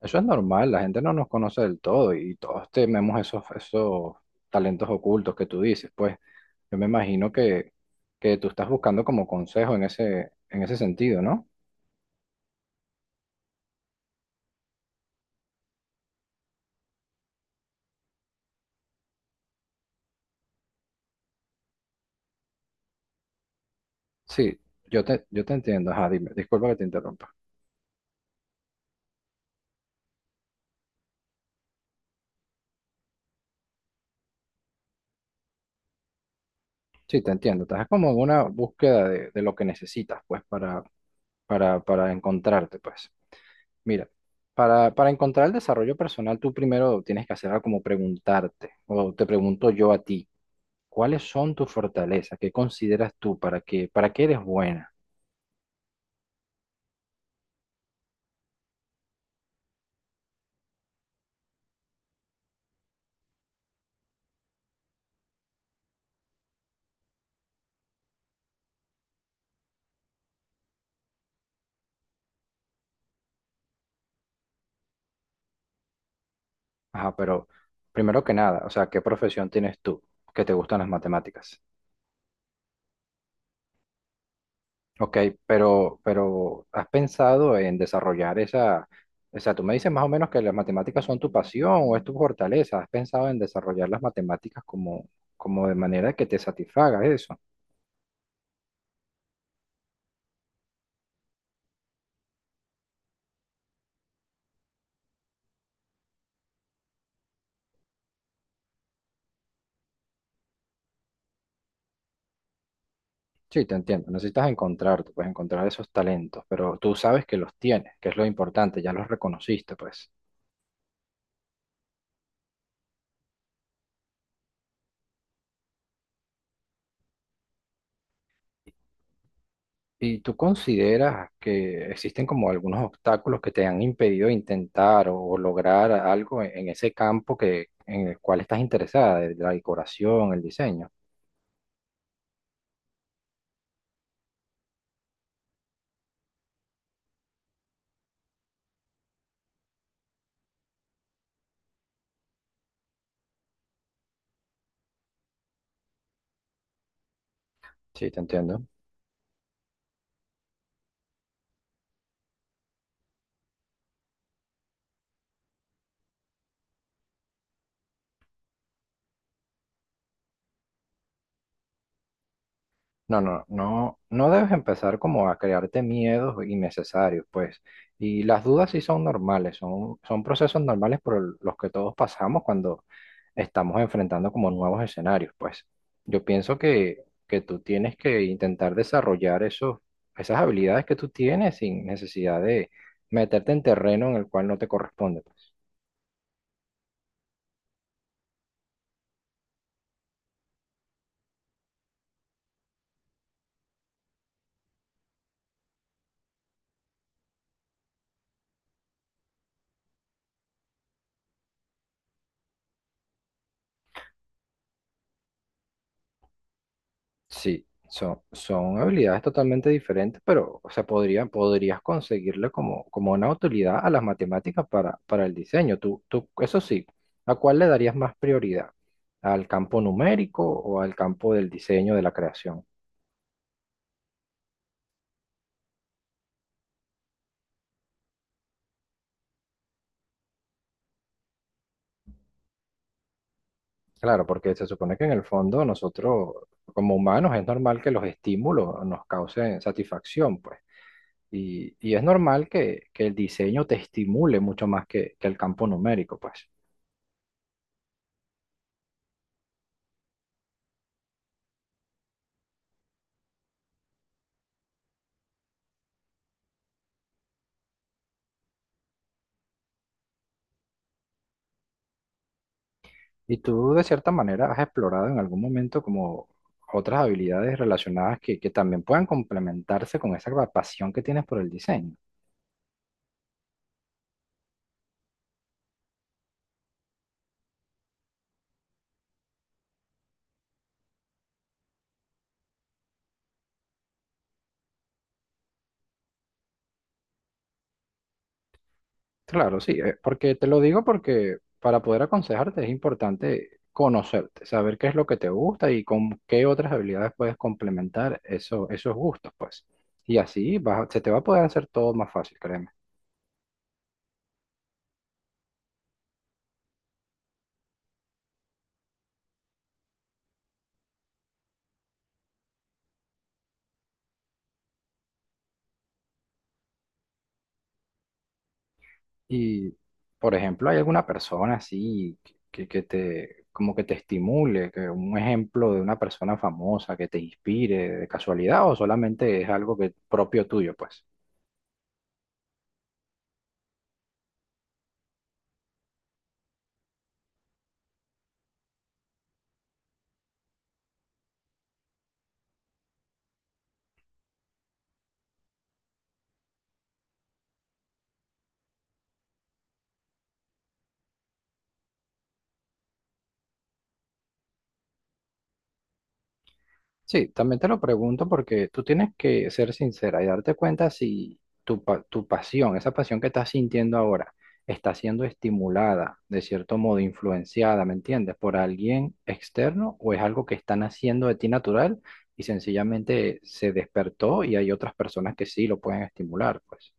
Eso es normal, la gente no nos conoce del todo y todos tenemos esos talentos ocultos que tú dices. Pues yo me imagino que tú estás buscando como consejo en en ese sentido, ¿no? Sí, yo te entiendo. Ajá, dime, disculpa que te interrumpa. Sí, te entiendo. Estás como en una búsqueda de lo que necesitas, pues, para encontrarte, pues. Mira, para encontrar el desarrollo personal, tú primero tienes que hacer algo como preguntarte, o te pregunto yo a ti, ¿cuáles son tus fortalezas? ¿Qué consideras tú? Para qué eres buena? Ajá, pero primero que nada, o sea, ¿qué profesión tienes tú? ¿Que te gustan las matemáticas? Ok, pero ¿has pensado en desarrollar esa, o sea, tú me dices más o menos que las matemáticas son tu pasión o es tu fortaleza? ¿Has pensado en desarrollar las matemáticas como de manera que te satisfaga eso? Sí, te entiendo. Necesitas encontrarte, pues encontrar esos talentos, pero tú sabes que los tienes, que es lo importante, ya los reconociste, pues. ¿Y tú consideras que existen como algunos obstáculos que te han impedido intentar o lograr algo en ese campo que, en el cual estás interesada, de la decoración, el diseño? Sí, te entiendo. No, no, no, no debes empezar como a crearte miedos innecesarios, pues. Y las dudas sí son normales, son procesos normales por los que todos pasamos cuando estamos enfrentando como nuevos escenarios, pues. Yo pienso que tú tienes que intentar desarrollar esas habilidades que tú tienes sin necesidad de meterte en terreno en el cual no te corresponde, pues. Sí, son habilidades totalmente diferentes, pero, o sea, podrías conseguirle como una utilidad a las matemáticas para el diseño. Eso sí, ¿a cuál le darías más prioridad? ¿Al campo numérico o al campo del diseño, de la creación? Claro, porque se supone que en el fondo nosotros, como humanos, es normal que los estímulos nos causen satisfacción, pues. Y es normal que el diseño te estimule mucho más que el campo numérico, pues. Y tú, de cierta manera, has explorado en algún momento como otras habilidades relacionadas que también puedan complementarse con esa pasión que tienes por el diseño. Claro, sí, porque te lo digo porque para poder aconsejarte es importante conocerte, saber qué es lo que te gusta y con qué otras habilidades puedes complementar eso, esos gustos, pues. Y así se te va a poder hacer todo más fácil, créeme. Y, por ejemplo, hay alguna persona así que que te, como que te estimule, que un ejemplo de una persona famosa que te inspire de casualidad o solamente es algo que propio tuyo, pues. Sí, también te lo pregunto porque tú tienes que ser sincera y darte cuenta si tu pasión, esa pasión que estás sintiendo ahora, está siendo estimulada, de cierto modo influenciada, ¿me entiendes? Por alguien externo o es algo que están haciendo de ti natural y sencillamente se despertó y hay otras personas que sí lo pueden estimular, pues.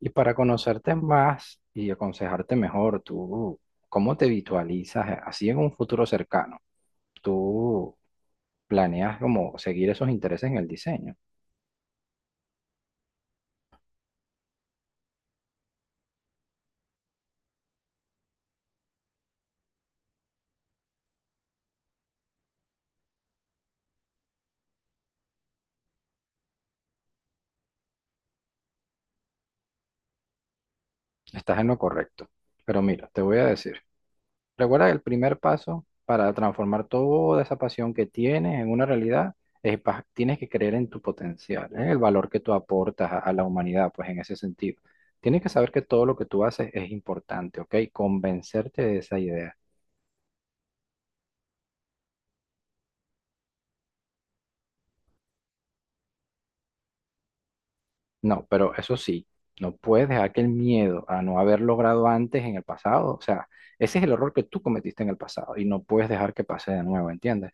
Y para conocerte más y aconsejarte mejor, tú, ¿cómo te visualizas así en un futuro cercano? ¿Tú planeas como seguir esos intereses en el diseño? Estás en lo correcto. Pero mira, te voy a decir, recuerda que el primer paso para transformar toda esa pasión que tienes en una realidad es tienes que creer en tu potencial, en el valor que tú aportas a la humanidad, pues en ese sentido. Tienes que saber que todo lo que tú haces es importante, ¿ok? Convencerte de esa idea. No, pero eso sí, no puedes dejar que el miedo a no haber logrado antes en el pasado, o sea, ese es el error que tú cometiste en el pasado y no puedes dejar que pase de nuevo, ¿entiendes?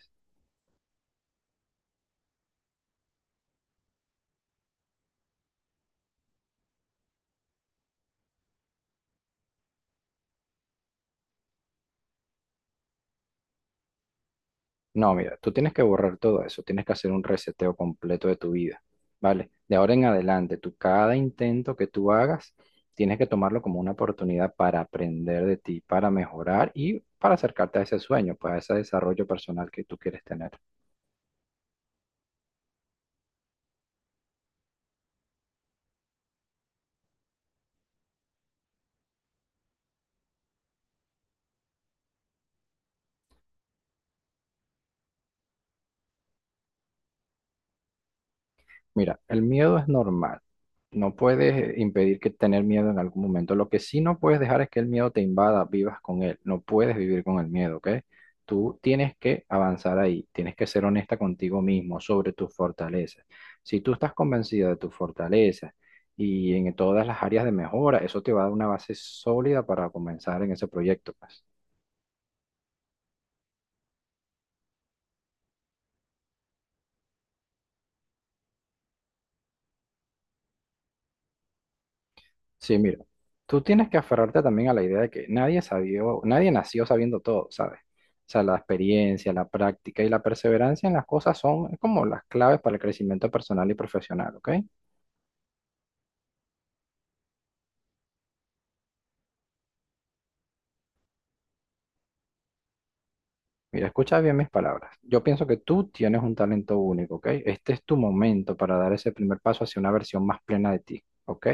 No, mira, tú tienes que borrar todo eso, tienes que hacer un reseteo completo de tu vida, ¿vale? De ahora en adelante, tú cada intento que tú hagas, tienes que tomarlo como una oportunidad para aprender de ti, para mejorar y para acercarte a ese sueño, pues a ese desarrollo personal que tú quieres tener. Mira, el miedo es normal. No puedes impedir que tener miedo en algún momento. Lo que sí no puedes dejar es que el miedo te invada, vivas con él. No puedes vivir con el miedo, ¿ok? Tú tienes que avanzar ahí. Tienes que ser honesta contigo mismo sobre tus fortalezas. Si tú estás convencida de tus fortalezas y en todas las áreas de mejora, eso te va a dar una base sólida para comenzar en ese proyecto, pues. Sí, mira, tú tienes que aferrarte también a la idea de que nadie sabió, nadie nació sabiendo todo, ¿sabes? O sea, la experiencia, la práctica y la perseverancia en las cosas son como las claves para el crecimiento personal y profesional, ¿ok? Mira, escucha bien mis palabras. Yo pienso que tú tienes un talento único, ¿ok? Este es tu momento para dar ese primer paso hacia una versión más plena de ti, ¿ok?